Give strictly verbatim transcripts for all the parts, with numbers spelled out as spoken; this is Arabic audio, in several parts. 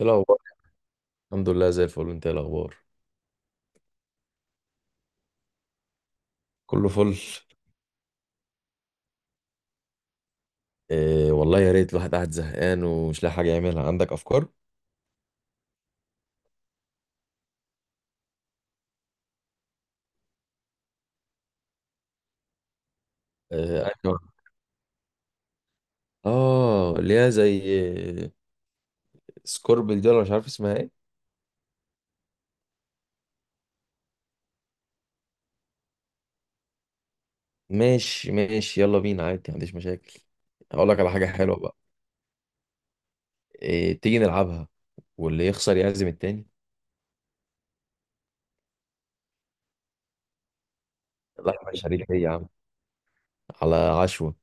ايه الاخبار؟ الحمد لله زي الفل. انت ايه الاخبار؟ كله فل. إيه والله، يا ريت، الواحد قاعد زهقان ومش لاقي حاجه يعملها. عندك افكار؟ إيه، ايوه. اه، اللي هي زي إيه، سكوربل دي، ولا مش عارف اسمها ايه. ماشي ماشي، يلا بينا، عادي، ما عنديش مشاكل. هقول لك على حاجه حلوه بقى. إيه، تيجي نلعبها؟ واللي يخسر يعزم التاني. لحمه شريف ايه يا عم. على عشوه.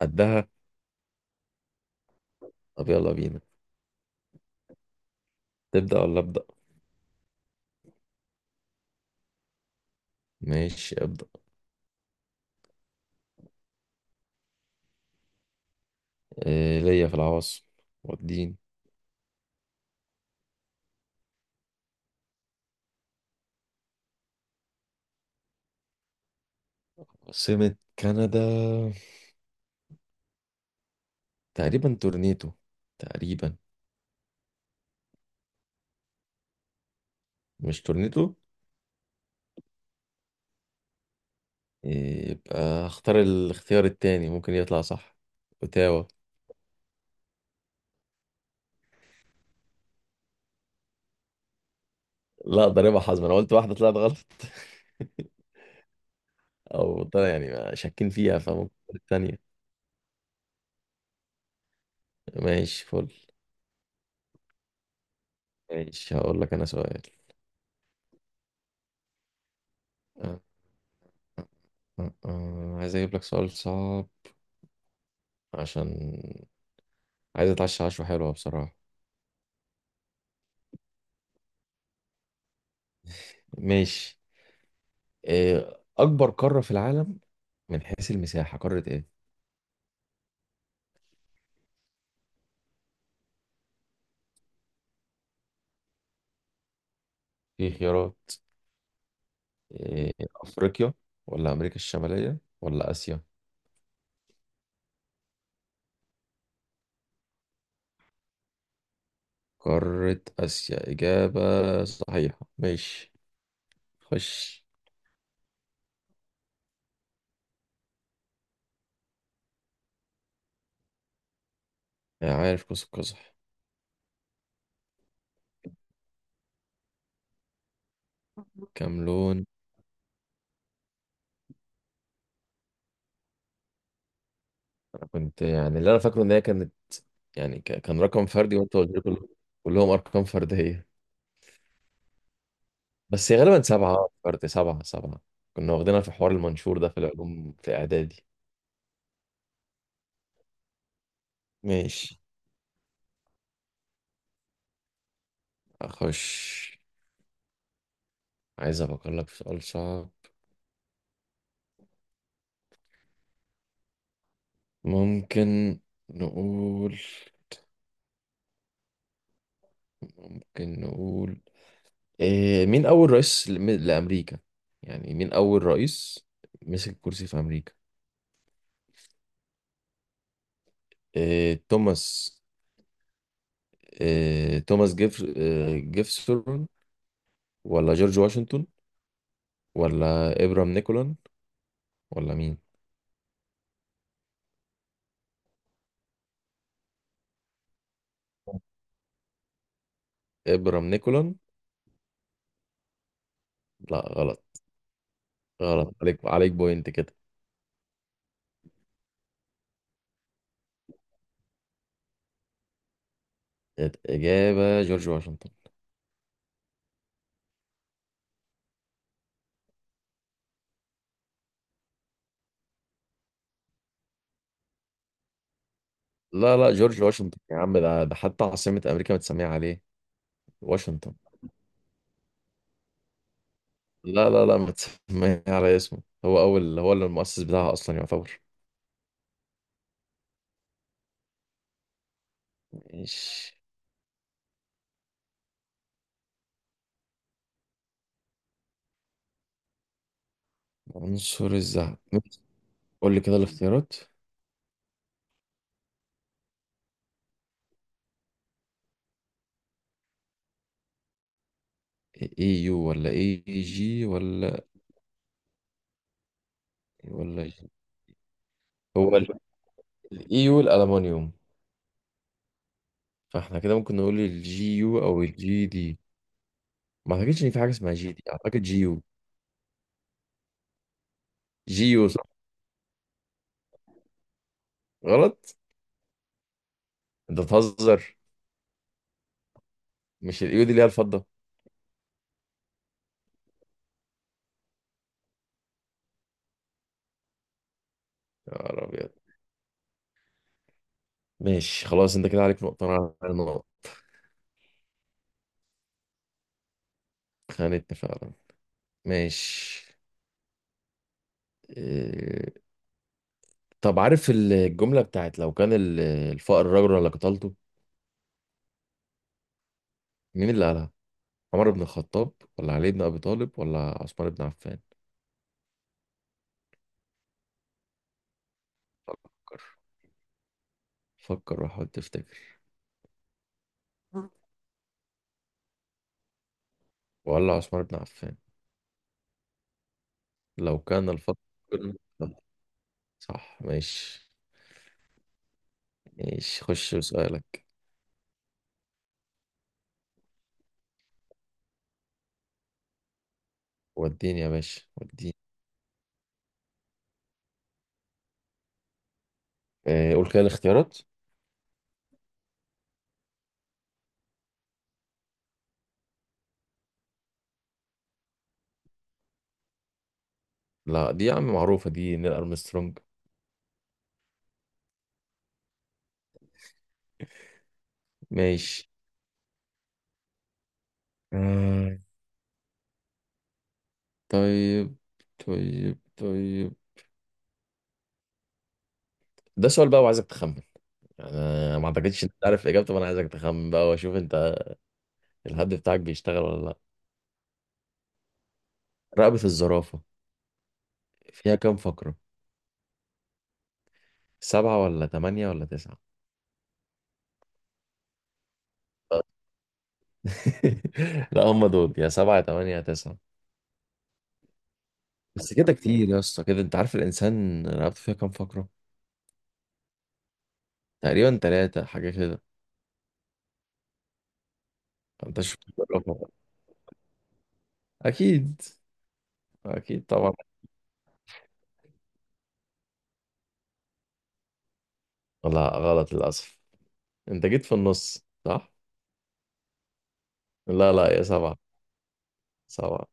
قدها. طب يلا بينا. تبدا ولا ابدا؟ ماشي، ابدا. إيه ليا في العواصم؟ والدين. عاصمه كندا تقريبا تورنيتو. تقريبا. مش تورنيتو. يبقى اختار الاختيار التاني، ممكن يطلع صح. اوتاوا. لا، ده ربع حظ، ما انا قلت واحده طلعت غلط. او طلع يعني شاكين فيها، فممكن الثانيه. ماشي، فل. ماشي، هقول لك انا سؤال. أه أه أه. عايز اجيب لك سؤال صعب، عشان عايز اتعشى عشوه حلوه بصراحه. ماشي. إيه اكبر قاره في العالم من حيث المساحه؟ قاره ايه؟ في خيارات. إيه، أفريقيا ولا أمريكا الشمالية ولا آسيا. قارة آسيا إجابة صحيحة. ماشي. خش. آه، عارف قوس قزح. كام لون؟ أنا كنت يعني اللي أنا فاكره إن هي كانت يعني ك- كان رقم فردي، وأنت قلت لي كل- كلهم أرقام فردية، بس هي غالبا سبعة. آه، فرد سبعة سبعة. كنا واخدينها في حوار المنشور ده، في العلوم في إعدادي. ماشي. أخش. عايز أفكر لك في سؤال صعب. ممكن نقول ممكن نقول إيه، مين أول رئيس لم- لأمريكا؟ يعني مين أول رئيس مسك الكرسي في أمريكا؟ إيه، توماس إيه، توماس جيف إيه، جيفسون، ولا جورج واشنطن، ولا إبرام نيكولن، ولا مين؟ إبرام نيكولن. لا، غلط. غلط عليك عليك بوينت كده. الإجابة جورج واشنطن. لا لا، جورج واشنطن يا عم، ده ده حتى عاصمة أمريكا متسمية عليه. واشنطن. لا لا لا، متسمية على اسمه. هو أول، هو اللي المؤسس بتاعها أصلا يعتبر. ماشي. عنصر الذهب، ماشي. قول لي كده الاختيارات. اي يو، ولا اي جي، ولا ولا جي؟ هو الاي يو الالومنيوم، فاحنا كده ممكن نقول الجي يو او الجي دي. ما اعتقدش ان في حاجه اسمها جي دي، اعتقد جي يو. جي يو صح؟ غلط. انت بتهزر. مش الاي يو دي اللي هي الفضه؟ يا نهار ابيض. ماشي خلاص، انت كده عليك نقطه، انا على نقطه. خانتني فعلا. ماشي. إيه، طب عارف الجمله بتاعت لو كان ال- الفقر رجل لقتلته؟ مين اللي قالها؟ عمر بن الخطاب، ولا علي بن أبي طالب، ولا عثمان بن عفان؟ فكر فكر وحاول تفتكر. ولا عثمان بن عفان. لو كان الفضل. صح. ماشي. ماشي، خش بسؤالك. وديني يا باشا وديني. آه، قول كده الاختيارات. لا، دي يا عم معروفة، دي نيل أرمسترونج. ماشي. آه، طيب. طيب طيب. ده سؤال بقى وعايزك تخمن، يعني أنا ما اعتقدش انت عارف اجابته، فانا عايزك تخمن بقى واشوف انت الهد بتاعك بيشتغل ولا لا. رقبة الزرافة فيها كام فقرة؟ سبعة ولا تمانية ولا تسعة؟ لا، هم دول، يا سبعة يا تمانية يا تسعة. بس كده كتير يا اسطى. كده انت عارف الانسان رقبته فيها كام فقرة؟ تقريبا تلاتة حاجة كده. انت شوف الرقم. اكيد. اكيد طبعا. لا، غلط للاسف. انت جيت في النص، صح؟ لا لا، يا سبعة. سبعة.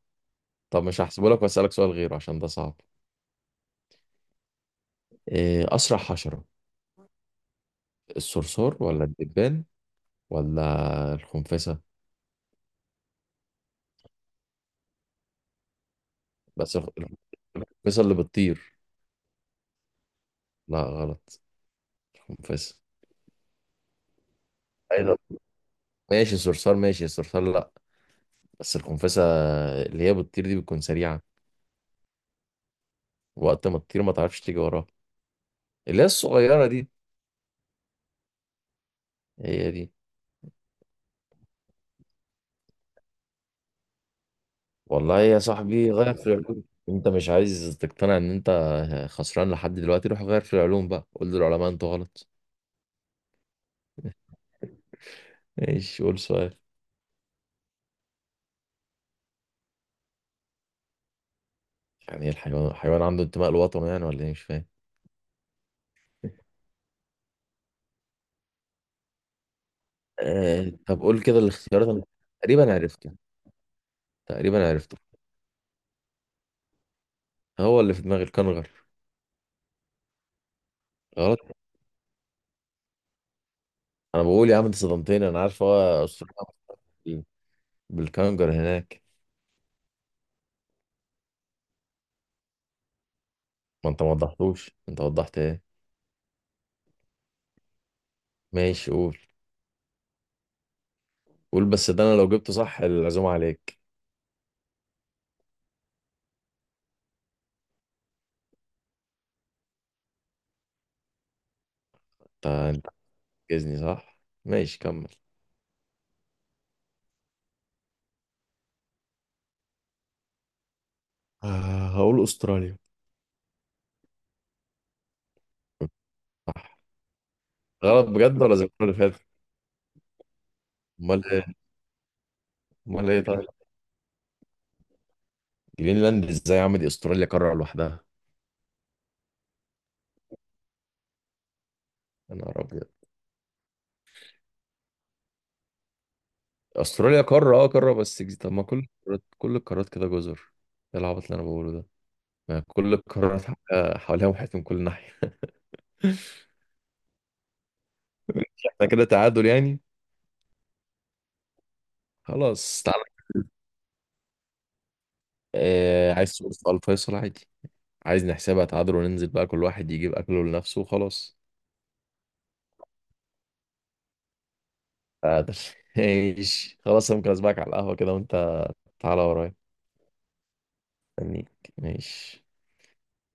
طب مش هحسبه لك، واسالك سؤال غيره عشان ده صعب. إيه، اسرع حشرة، الصرصور ولا الدبان ولا الخنفسة؟ بس الخ- الخنفسة اللي بتطير. لا، غلط. الخنفسة. عايز. ماشي الصرصار، ماشي الصرصار، لا. بس الخنفسة اللي هي بتطير دي بتكون سريعة، وقت ما تطير ما تعرفش تيجي وراها. اللي هي الصغيرة دي. هي دي. والله يا صاحبي غير في العلوم. انت مش عايز تقتنع ان انت خسران لحد دلوقتي، روح غير في العلوم بقى، قول للعلماء انتوا غلط. ماشي، قول سؤال. يعني ايه الحيوان؟ الحيوان عنده انتماء لوطنه يعني، ولا ايه، مش فاهم. آه، طب قول كده الاختيارات انا. تقريبا عرفته تقريبا عرفته. هو اللي في دماغي الكنغر. غلط؟ انا بقول يا عم، انت صدمتني، انا عارف هو استراليا بالكانجر هناك. ما انت ما وضحتوش، انت وضحت ايه. ماشي، قول. قول بس، ده انا لو جبته صح العزومه عليك. انت انت عاجزني صح. ماشي، كمل. آه، هقول استراليا. صح؟ غلط بجد، ولا زي المره اللي فاتت؟ امال ايه؟ امال ايه؟ طيب. جرينلاند ازاي يا عم؟ دي استراليا قاره لوحدها. يا نهار ابيض. استراليا قاره، اه قاره، بس جز- طب ما كل القارات، كل القارات كده جزر. ايه العبط اللي انا بقوله ده. ما كل القارات ح- آه، حواليها محيط من كل ناحيه. احنا كده تعادل يعني. خلاص، تعالى. آه، عايز تقول سؤال فيصل عادي. عايز نحسبها تعادل وننزل بقى كل واحد يجيب اكله لنفسه وخلاص. تعادل. ماشي، خلاص. أنا ممكن اسبقك على القهوة كده وانت تعالى ورايا. مستنيك. ماشي.